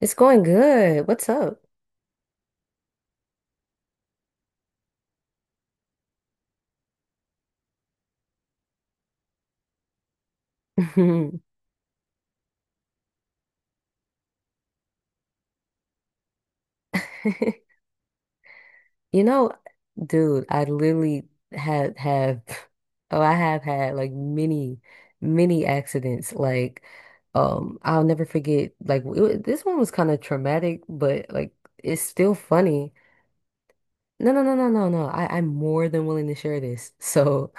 It's going good. What's up? You know, dude, I literally had have oh, I have had like many accidents. Like, I'll never forget. Like, this one was kind of traumatic, but like, it's still funny. No, no, no, no, no, no. I'm more than willing to share this. So,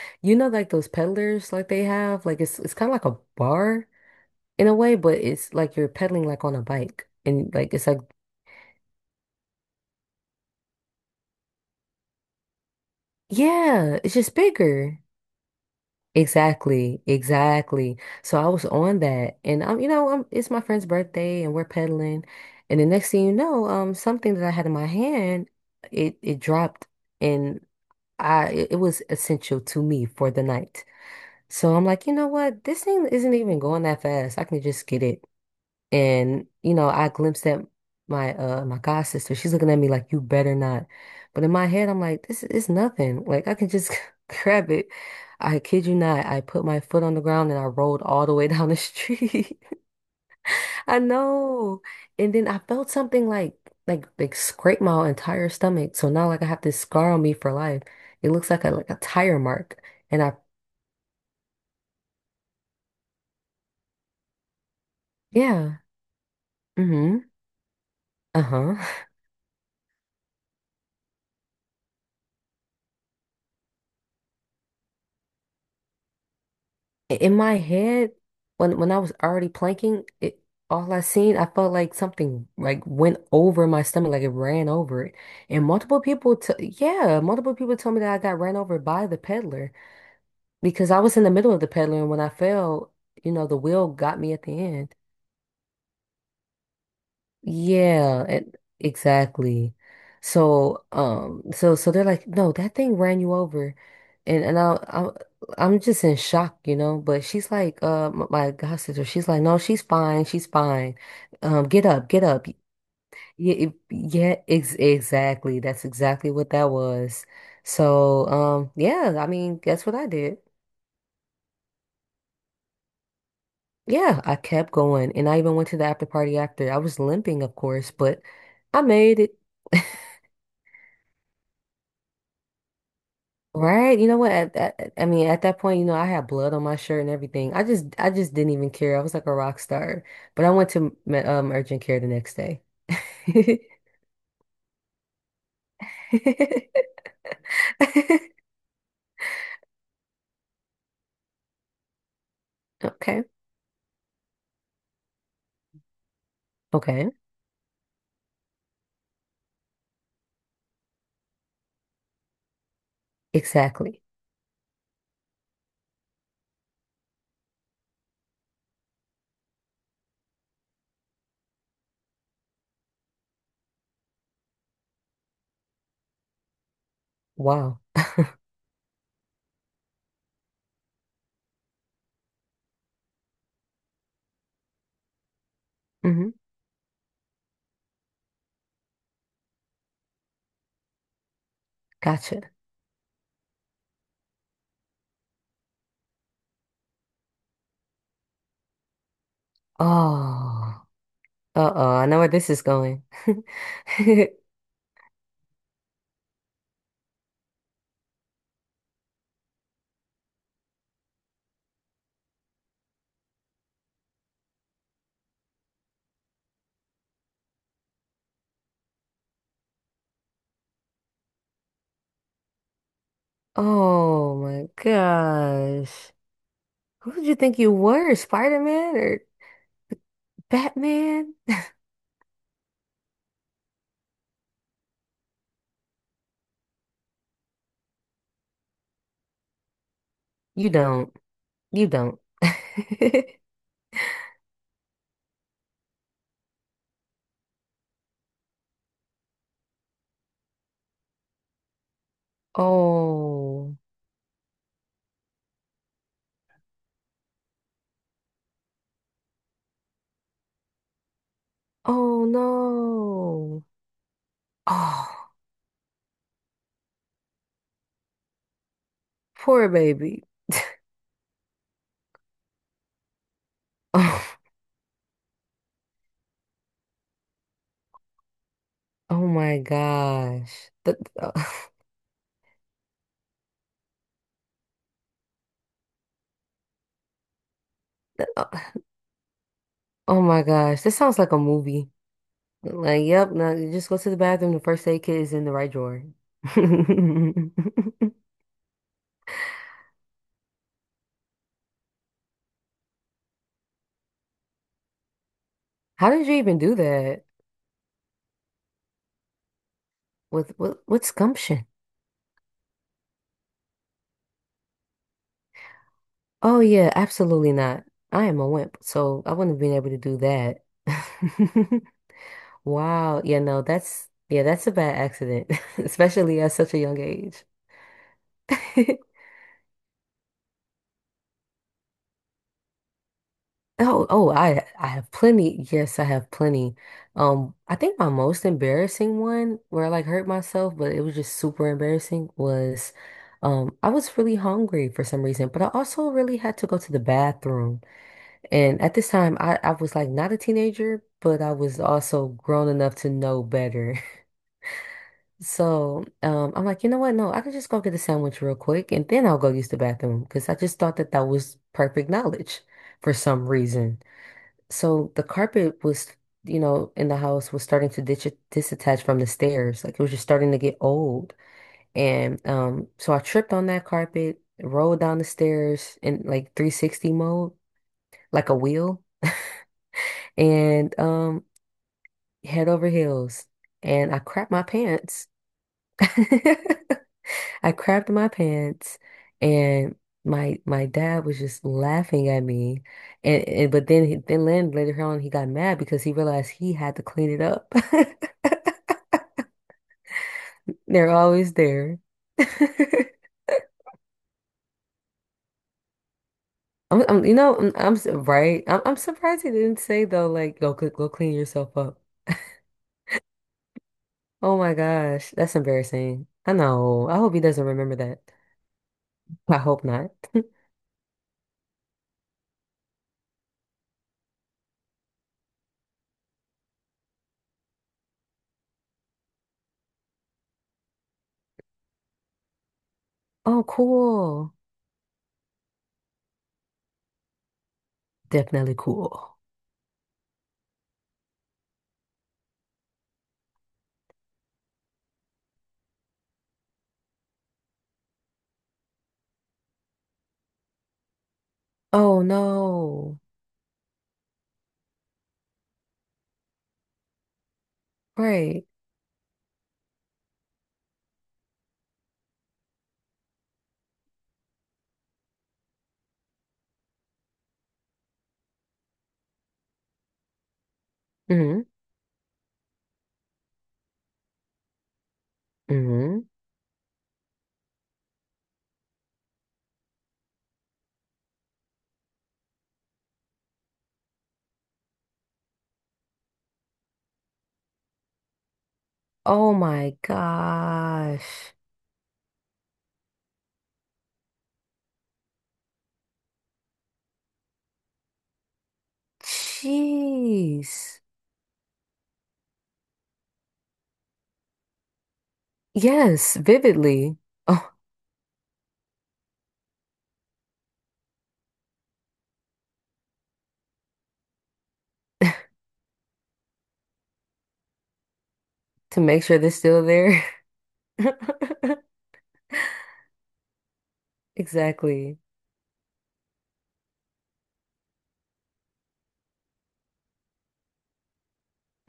you know, like those peddlers, like they have, like it's kind of like a bar in a way, but it's like you're pedaling like on a bike, and like it's like yeah, it's just bigger. Exactly, exactly. So I was on that, and I'm, you know, I it's my friend's birthday, and we're pedaling, and the next thing you know, something that I had in my hand, it dropped, and I it it was essential to me for the night. So I'm like, you know what, this thing isn't even going that fast. I can just get it. And you know, I glimpsed at my my god sister. She's looking at me like, "You better not." But in my head, I'm like, "This is nothing. Like I can just grab it." I kid you not. I put my foot on the ground and I rolled all the way down the street. I know. And then I felt something like like scrape my entire stomach. So now like I have this scar on me for life. It looks like a tire mark. And I yeah. Mm-hmm. Uh-huh. In my head, when I was already planking, it all I seen, I felt like something like went over my stomach, like it ran over it. And multiple people, t yeah, multiple people told me that I got ran over by the peddler because I was in the middle of the peddler, and when I fell, you know, the wheel got me at the end. Yeah, it, exactly. So, so so they're like, no, that thing ran you over, and I'm just in shock, you know. But she's like, my god sister, she's like, no, she's fine, she's fine. Get up, get up. Yeah, yeah, ex exactly. That's exactly what that was. So, yeah, I mean, guess what I did? Yeah, I kept going, and I even went to the after party after. I was limping, of course, but I made it. Right. You know what? At that point, you know, I had blood on my shirt and everything. I just didn't even care. I was like a rock star. But I went to urgent care the next day. Okay. Okay. Exactly. Wow. Hmm. Gotcha. Oh. Uh-oh. I know where this is going. Oh my gosh. Who did you think you were? Spider-Man or Batman? You don't. You don't. Oh, oh no. Oh, poor baby. Oh, oh my gosh. That, oh my gosh. This sounds like a movie. Like, yep, now you just go to the bathroom. The first aid kit is in the right drawer. How did you even do that? With what gumption? Oh yeah, absolutely not. I am a wimp, so I wouldn't have been able to do that. Wow. Yeah, no, that's a bad accident, especially at such a young age. I have plenty. Yes, I have plenty. I think my most embarrassing one where I like hurt myself, but it was just super embarrassing was I was really hungry for some reason, but I also really had to go to the bathroom. And at this time I was like not a teenager, but I was also grown enough to know better. So I'm like, you know what? No, I can just go get a sandwich real quick and then I'll go use the bathroom because I just thought that was perfect knowledge for some reason. So the carpet was, you know, in the house was starting to ditch disattach from the stairs. Like it was just starting to get old. And so I tripped on that carpet, rolled down the stairs in like 360 mode, like a wheel, and head over heels. And I crapped my pants. I crapped my pants and my dad was just laughing at me. And but then he, then Len later on he got mad because he realized he had to clean it up. They're always there. I'm you know I'm su- Right. I'm surprised he didn't say though like go clean yourself up. Oh my gosh, that's embarrassing. I know. I hope he doesn't remember that. I hope not. Oh, cool. Definitely cool. Oh no. Right. Mm-hmm. Hmm. Oh my gosh. Jeez. Yes, vividly. Oh, to make sure they're still there. Exactly.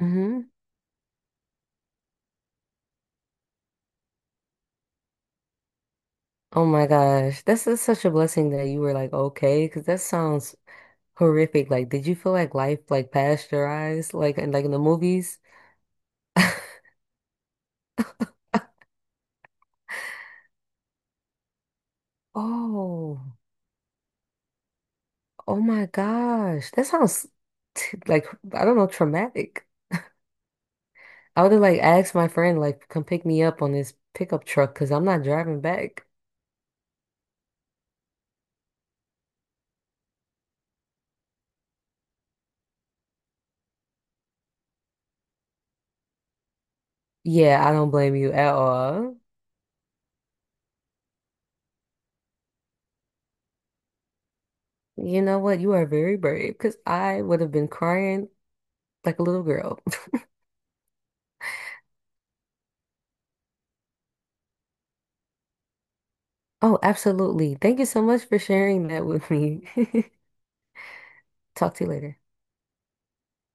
Hmm. Oh my gosh. That's just such a blessing that you were like, okay, because that sounds horrific. Like, did you feel like life like past your eyes, like in the movies? Oh, oh my gosh. That sounds t like I don't know, traumatic. I would have like asked my friend like come pick me up on this pickup truck because I'm not driving back. Yeah, I don't blame you at all. You know what? You are very brave because I would have been crying like a little girl. Oh, absolutely. Thank you so much for sharing that with me. Talk to you later.